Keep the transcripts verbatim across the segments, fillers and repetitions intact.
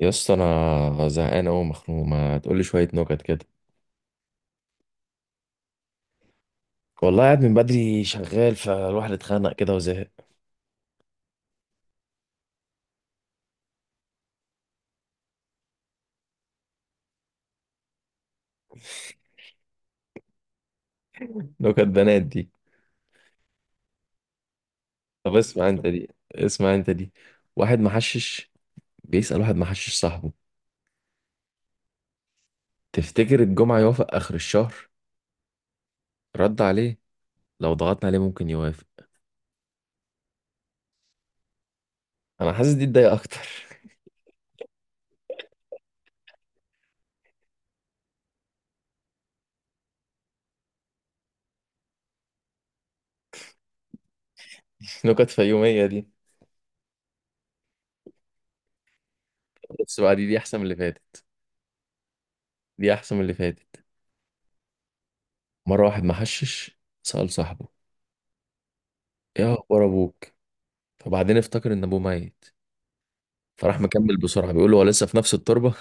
يا اسطى انا زهقان قوي مخنوق، ما تقولي شويه نكت كده. والله قاعد من بدري شغال فالواحد اتخانق كده وزهق. نكت بنات دي؟ طب اسمع انت دي. اسمع انت دي. واحد محشش بيسأل واحد محشش صاحبه: تفتكر الجمعه يوافق اخر الشهر؟ رد عليه: لو ضغطنا عليه ممكن يوافق. انا حاسس دي تضايق اكتر. نكت فيوميه دي. بس بقى دي دي احسن من اللي فاتت. دي احسن من اللي فاتت. مره واحد محشش سأل صاحبه: ايه اخبار ابوك؟ فبعدين افتكر ان ابوه ميت، فراح مكمل بسرعة بيقول له: هو لسه في نفس التربة؟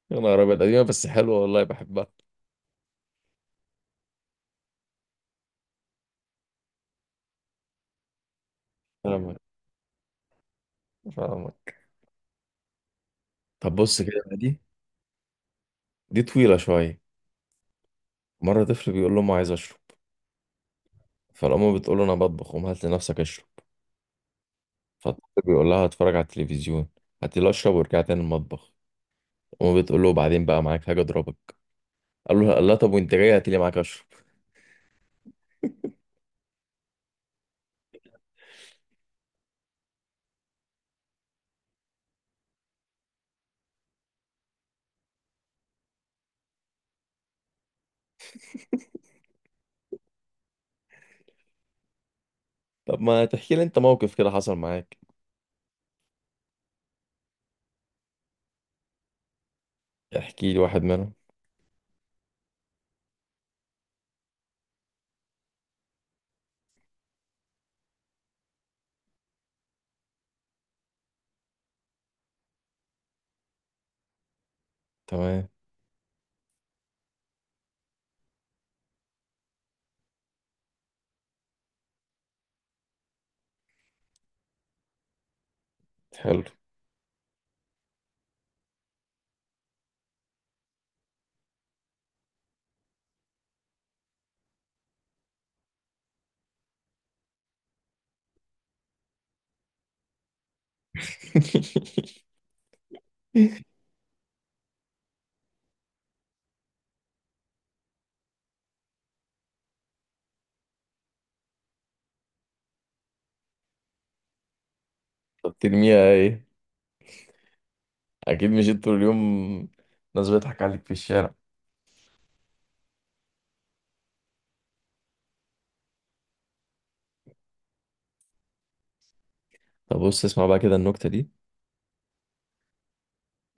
يا نهار أبيض، قديمة بس حلوة والله بحبها. فاهمك. فاهمك. طب بص كده بقى دي. دي طويلة شوية. مرة طفل بيقول لأمه: عايز أشرب. فالأم بتقول له: أنا بطبخ، قوم هات لنفسك أشرب. فالطفل بيقول لها: هتفرج على التلفزيون، هاتي لي أشرب وارجع تاني المطبخ. أمه بتقول له: بعدين بقى معاك حاجة أضربك. قال له: لا طب وأنت جاي هاتي لي معاك أشرب. طب ما تحكي لي أنت موقف كده حصل معاك؟ احكي لي واحد منهم. تمام. حلو. طب ترميها إيه؟ اكيد مش انت طول اليوم، ناس بتضحك عليك في الشارع. طب بص اسمع بقى كده النكتة دي.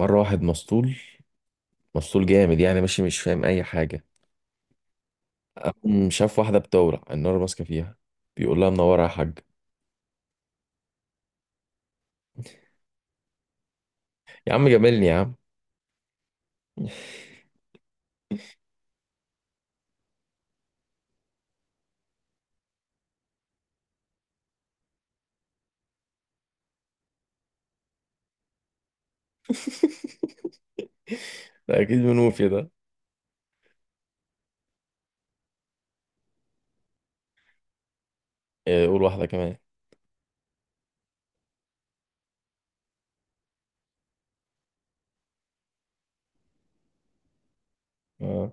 مرة واحد مسطول، مسطول جامد يعني، ماشي مش فاهم اي حاجة. قام شاف واحدة بتولع النار ماسكة فيها، بيقول لها: منورة يا حاج. يا عم جاملني يا عم. ده اكيد منوفي ده. إيه، قول واحدة كمان. آه.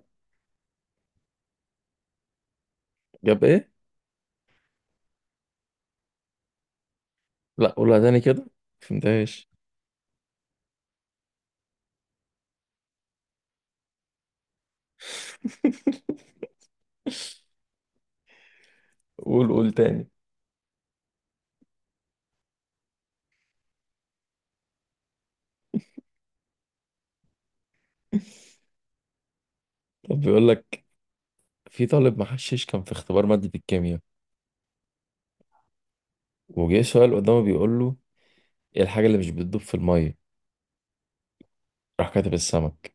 جاب ايه؟ لا قولها تاني كده، مفهمتهاش. قول، قول تاني. طب بيقول لك في طالب محشش كان في اختبار مادة الكيمياء، وجه سؤال قدامه بيقول له: ايه الحاجة اللي مش بتدوب في المية؟ راح كاتب السمك.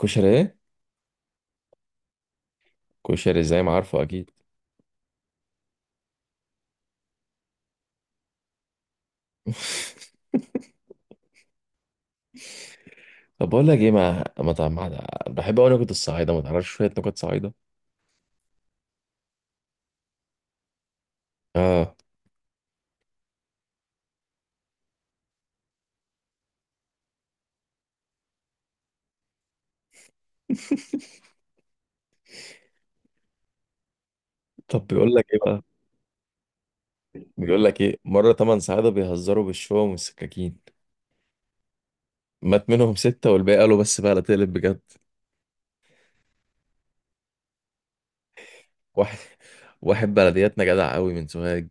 كشري ايه؟ كشري زي ما عارفه اكيد. طب بقول لك ايه، ما ما تع- ما- بحب اقول نكت الصعايده، ما تعرفش شويه نكت صعايده؟ اه. طب بيقول لك ايه بقى. بيقول لك ايه، مره ثمان صعايده بيهزروا بالشوم والسكاكين، مات منهم سته والباقي قالوا: بس بقى لا تقلب بجد. واحد، واحد بلدياتنا جدع قوي من سوهاج،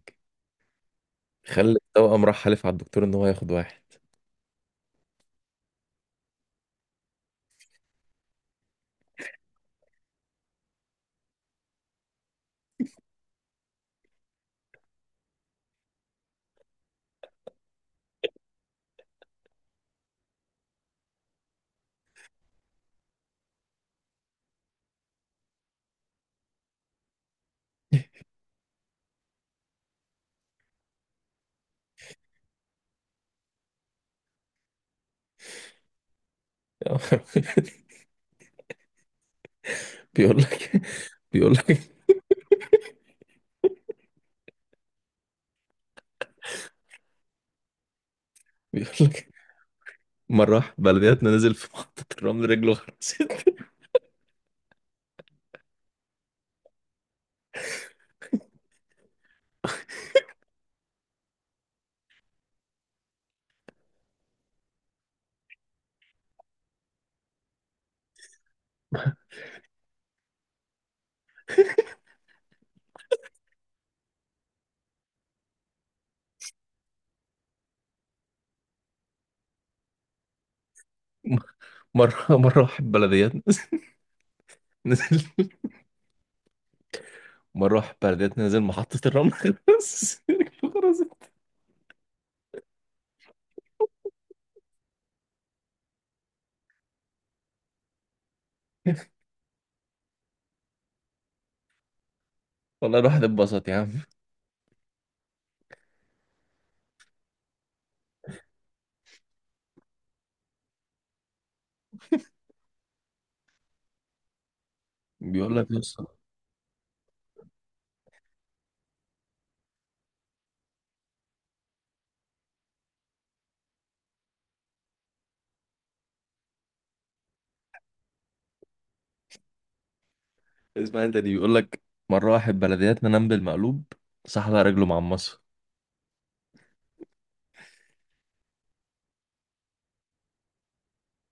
خلى التوأم راح حلف على الدكتور ان هو هياخد واحد. بيقول لك. بيقول لك. بيقول لك مرة واحد بلدياتنا نزل في محطة الرمل رجله غرزت. مرة مرة واحد بلدياتنا نزل. مرة واحد بلدياتنا نزل محطة الرمل غرز، رجله غرزت. والله الواحد اتبسط يا عم. بيقول لك يا اسطى. اسمع انت دي. بيقول لك مرة واحد بلدياتنا نام بالمقلوب، صح على رجله معمصة.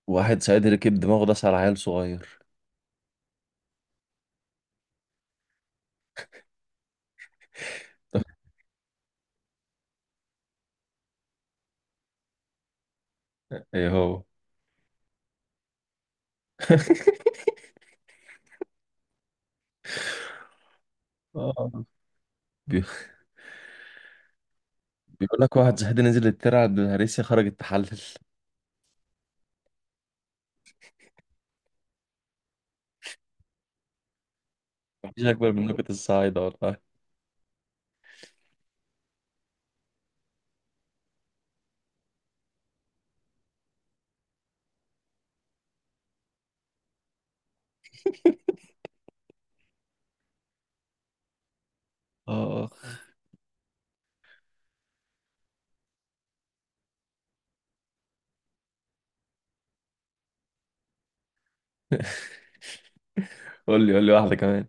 واحد سعيد ركب دماغه داس على عيل صغير. ايه هو؟ آه. بي- بيقول لك واحد زهدان نزل الترعة بالهريسة، خرجت تحلل. مفيش أكبر من نكت الصعايدة والله. اه. قول لي، قول لي واحدة كمان.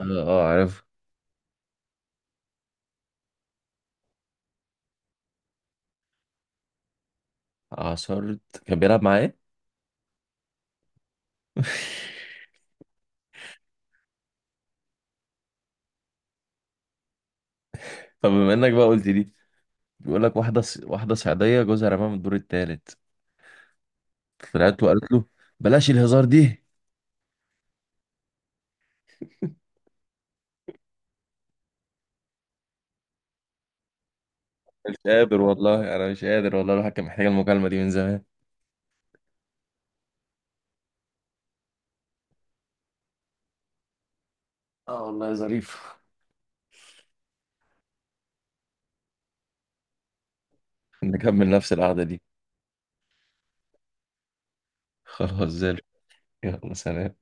اه. آه، عارف. عصرت كان بيلعب معاه إيه؟ طب بما إنك بقى قلت دي، بيقول لك واحدة ص... واحدة صعيدية جوزها رماها من الدور التالت، طلعت له قالت له: بلاش الهزار دي. مش قادر والله، أنا مش قادر والله، الواحد كان محتاج المكالمة دي من زمان. اه والله يا ظريف. نكمل نفس القعدة دي. خلاص زي الفل. يلا سلام.